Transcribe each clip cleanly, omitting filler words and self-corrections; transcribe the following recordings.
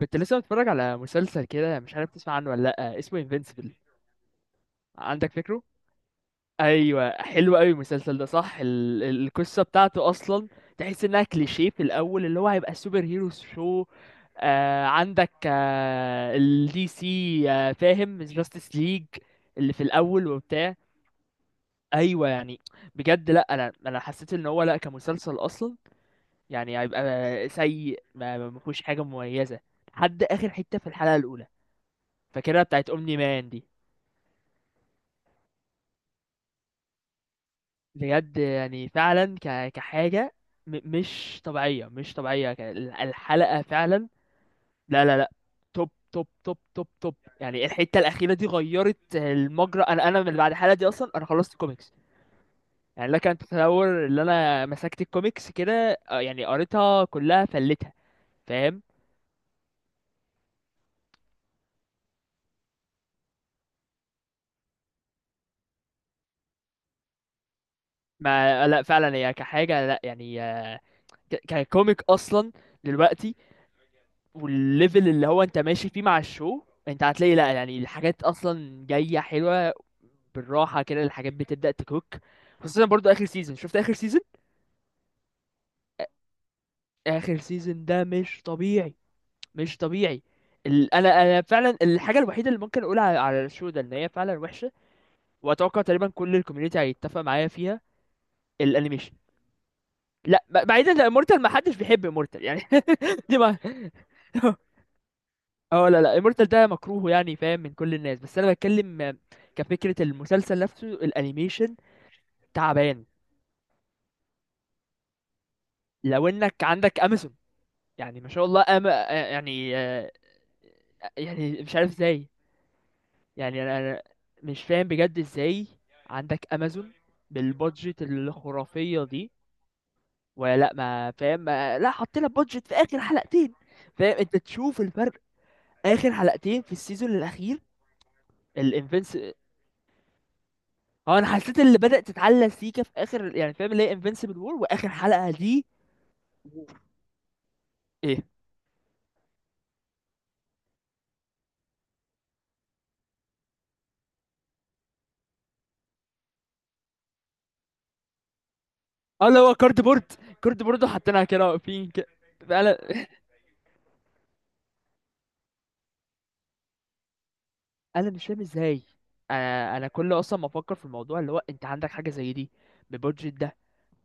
كنت لسه بتفرج على مسلسل كده، مش عارف تسمع عنه ولا لأ. اسمه انفينسيبل. عندك فكره؟ ايوه، حلو قوي المسلسل ده. صح، القصه بتاعته اصلا تحس انها كليشيه في الاول، اللي هو هيبقى سوبر هيرو شو. عندك، الدي سي، فاهم، جاستس ليج اللي في الاول وبتاع. ايوه يعني. بجد لا، انا حسيت ان هو لا، كمسلسل اصلا يعني هيبقى سيء، ما فيهوش حاجه مميزه لحد اخر حته في الحلقه الاولى، فاكرها بتاعت اومني مان دي. بجد يعني فعلا كحاجه مش طبيعيه، مش طبيعيه الحلقه فعلا. لا لا لا، توب توب توب توب توب. يعني الحته الاخيره دي غيرت المجرى. انا من بعد الحلقه دي اصلا انا خلصت كوميكس. يعني لك ان تتصور ان انا مسكت الكوميكس كده. يعني قريتها كلها، فلتها. فاهم. ما لا فعلا، هي كحاجه لا يعني، ككوميك اصلا دلوقتي. والليفل اللي هو انت ماشي فيه مع الشو، انت هتلاقي لا يعني الحاجات اصلا جايه حلوه. بالراحه كده الحاجات بتبدا تكوك، خصوصا برضو اخر سيزون. شفت اخر سيزون؟ اخر سيزون ده مش طبيعي، مش طبيعي. انا فعلا الحاجه الوحيده اللي ممكن اقولها على الشو ده ان هي فعلا وحشه، واتوقع تقريبا كل الكوميونتي هيتفق معايا فيها. الانيميشن. لا، بعيدا عن امورتال، ما حدش بيحب امورتال يعني. دي ما اه لا لا، امورتال ده مكروه يعني، فاهم، من كل الناس. بس انا بتكلم كفكره المسلسل نفسه، الانيميشن تعبان. لو انك عندك امازون، يعني ما شاء الله، أم... آه، يعني يعني مش عارف ازاي. يعني انا مش فاهم بجد ازاي. عندك امازون بالبادجت الخرافيه دي، ولا لا ما فاهم، ما لا حطينا بادجت في اخر حلقتين؟ فاهم انت تشوف الفرق، اخر حلقتين في السيزون الاخير. اه، انا حسيت اللي بدأت تتعلق سيكا في اخر، يعني فاهم، اللي هي انفنسبل وور واخر حلقة دي. ايه. اه، اللي هو كارد بورد. كارد بورد وحطيناها كده، واقفين كده. انا انا مش فاهم ازاي. انا كل اصلا ما افكر في الموضوع اللي هو انت عندك حاجة زي دي بالبودجت ده،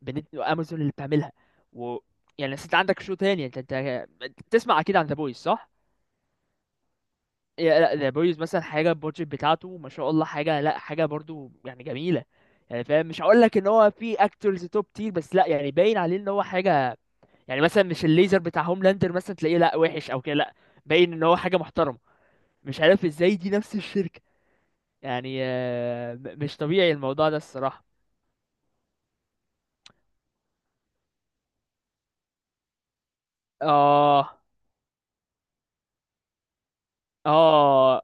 بنت امازون اللي بتعملها، و... يعني أصل انت عندك شو تاني. انت تسمع اكيد عن ذا بويز، صح؟ يا لا، ذا بويز مثلا حاجه، البودجت بتاعته ما شاء الله، حاجه لا، حاجه برضو يعني جميله. يعني فاهم، مش هقول لك ان هو في اكتورز توب تير، بس لا يعني باين عليه ان هو حاجه. يعني مثلا، مش الليزر بتاع هوملاندر مثلا تلاقيه لا وحش او كده، لا، باين ان هو حاجه محترمه. مش عارف ازاي دي نفس الشركه. يعني مش طبيعي الموضوع ده الصراحه. اه. اه،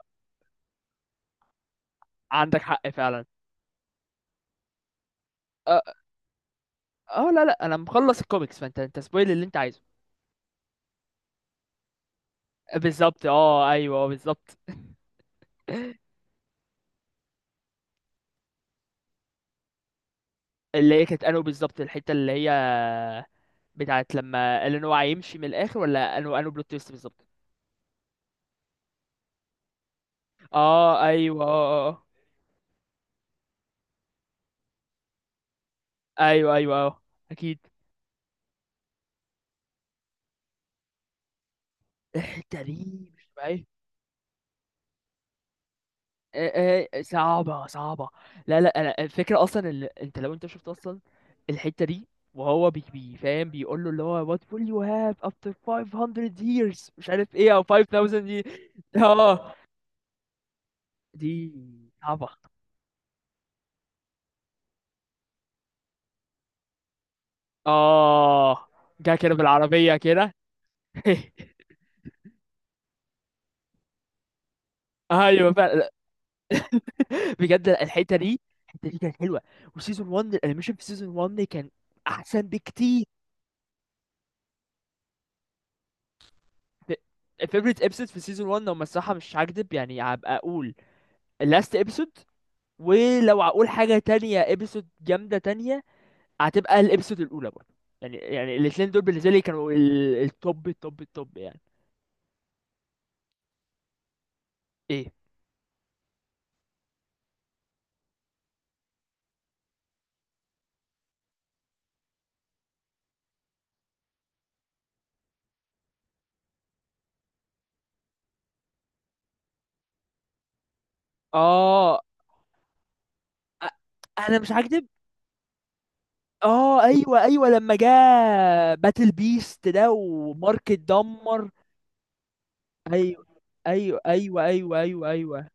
عندك حق فعلا. اه، لا لا، انا مخلص الكوميكس، فانت سبويل اللي انت عايزه. بالظبط. اه، ايوه، بالظبط. اللي هي كانت انو بالظبط، الحته اللي هي بتاعت لما اللي هو هيمشي من الاخر، ولا انو بلوت تويست بالظبط. اه ايوه اه. ايوه ايوه اه. اكيد. الحته دي مش طبيعيه. صعبه صعبه. لا لا، انا الفكره اصلا اللي انت، لو انت شفت اصلا الحته دي، وهو بي فاهم بيقول له اللي هو what will you have after 500 years، مش عارف ايه، او 5000، دي. اه، دي صعبه. اه، جا كده بالعربيه كده. ايوه فعلا. بجد الحته دي، الحته دي كانت حلوه. وسيزون 1، الانيميشن في سيزون 1 كان احسن بكتير. الفيفوريت ابسود في سيزون 1، لو الصراحه مش هكدب، يعني هبقى اقول اللاست ابسود. ولو هقول حاجه تانية، ابسود جامده تانية هتبقى الابسود الاولى برضه. يعني الاثنين دول بالنسبه لي كانوا التوب التوب التوب يعني. ايه. اه. أ- انا مش هكدب. اه، ايوه ايوه لما جه باتل بيست ده ومارك اتدمر. ايوه ايوه ايوه ايوه ايوه ايوه.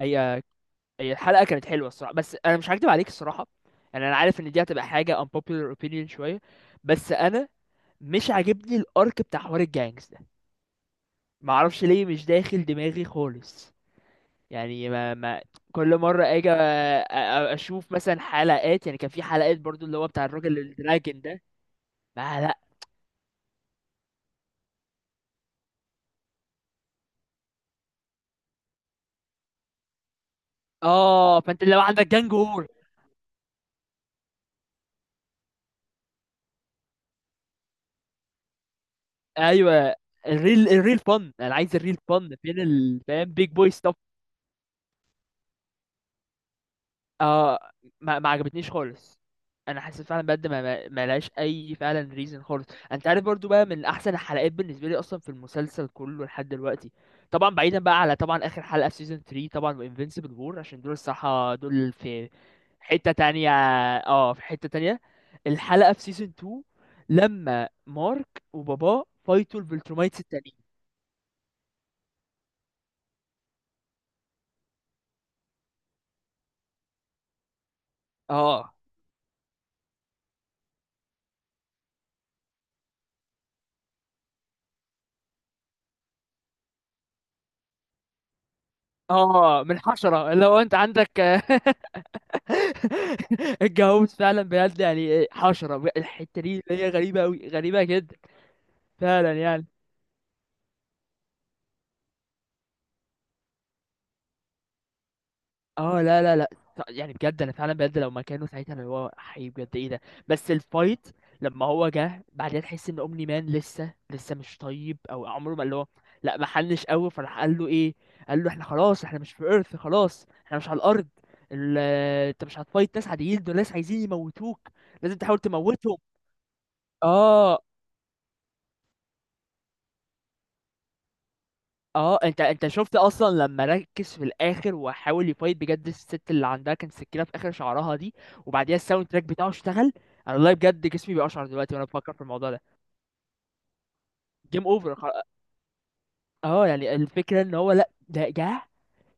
هي. هي الحلقه كانت حلوه الصراحه، بس انا مش هكدب عليك الصراحه. يعني انا عارف ان دي هتبقى حاجه unpopular opinion شويه، بس انا مش عاجبني الارك بتاع حوار الجانجز ده. ما اعرفش ليه، مش داخل دماغي خالص. يعني ما، كل مره اجي اشوف مثلا حلقات، يعني كان في حلقات برضو اللي هو بتاع الراجل الدراجون ده. ما لا. اه، فانت لو عندك جانج وور. ايوه. الريل فن، انا عايز الريل فن، فين ال فاهم بيج بوي. اه، ما عجبتنيش خالص. انا حسيت فعلا بجد ما لهاش اي فعلا ريزن خالص. انت عارف، برضو بقى من احسن الحلقات بالنسبه لي اصلا في المسلسل كله لحد دلوقتي، طبعا بعيدا بقى على طبعا اخر حلقه في سيزون 3 طبعا، وانفينسيبل وور، عشان دول الصراحه دول في حته تانية. اه، في حته تانية، الحلقه في سيزون 2 لما مارك وباباه فايتوا الفلترومايتس التانيين. اه. اه، من حشره لو انت عندك الجاموس فعلا بجد، يعني إيه، حشرة. الحتة دي اللي هي غريبة أوي، غريبة جدا فعلا يعني. اه لا لا لا، يعني بجد انا فعلا بجد لو مكانه ساعتها، اللي هو حي بجد ايه ده. بس الفايت، لما هو جه بعدين تحس ان اومني مان لسه لسه مش طيب، او عمره ما اللي هو، لا ما حلش قوي. فراح قال له ايه؟ قال له احنا خلاص احنا مش في ايرث، خلاص احنا مش على الارض، ال- انت مش هتفايت ناس عاديين، دول ناس عايزين يموتوك، لازم تحاول تموتهم. اه. اه، انت شفت اصلا لما ركز في الاخر وحاول يفايت بجد، الست اللي عندها كان سكينه في اخر شعرها دي، وبعديها الساوند تراك بتاعه اشتغل. انا والله بجد جسمي بيقشعر دلوقتي وانا بفكر في الموضوع ده. جيم اوفر. اه، يعني الفكره ان هو لا، ده جه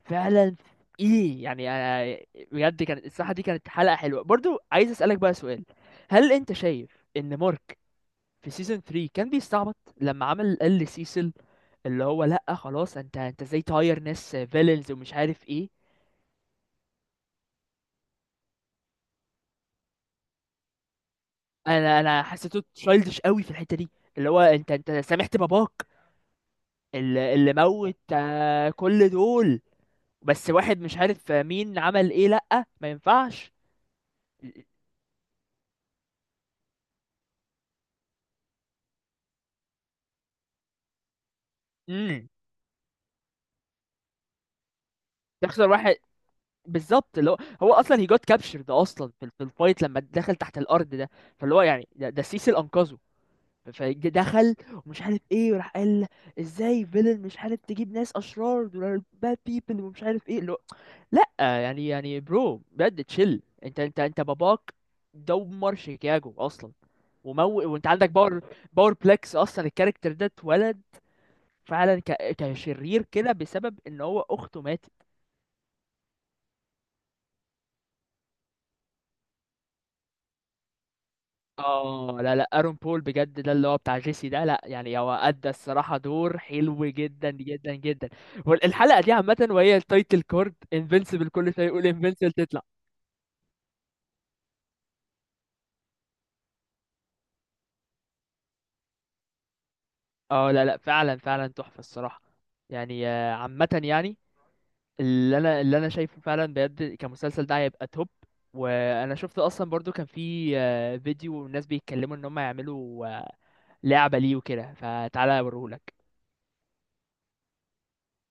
فعلا، ايه يعني انا بجد، كانت الصراحه دي كانت حلقه حلوه. برضو عايز اسالك بقى سؤال، هل انت شايف ان مارك في سيزون 3 كان بيستعبط لما عمل قال لسيسل اللي هو لا خلاص انت ازاي تهاير ناس فيلنز، ومش عارف ايه؟ انا حسيته تشايلدش قوي في الحته دي، اللي هو انت سامحت باباك اللي موت، كل دول، بس واحد مش عارف مين عمل ايه، لا ما ينفعش. امم. تخسر واحد، بالظبط. اللي هو، هو اصلا هي جوت كابشرد اصلا في الفايت لما دخل تحت الارض ده، فاللي هو يعني ده سيسل انقذه. فدخل، ومش عارف ايه، وراح قال ازاي فيلن مش عارف تجيب ناس اشرار، دول باد بيبل، ومش عارف ايه، لا يعني، برو بجد تشيل. انت باباك دمر شيكاغو اصلا، ومو وانت عندك باور، باور بلاكس اصلا الكاركتر ده اتولد فعلا كشرير كده بسبب ان هو اخته ماتت. اه لا لا، ارون بول بجد ده اللي هو بتاع جيسي ده، لا يعني هو ادى الصراحه دور حلو جدا جدا جدا. والحلقه دي عامه، وهي التايتل كورد انفينسيبل كل شويه، يقول انفينسيبل تطلع. اه لا لا، فعلا فعلا تحفه الصراحه. يعني عامه يعني، اللي انا شايفه فعلا بجد، كمسلسل ده هيبقى توب. وانا شفت اصلا برضو كان في فيديو، والناس بيتكلموا ان هم يعملوا لعبة ليه وكده، فتعالى اوريهولك.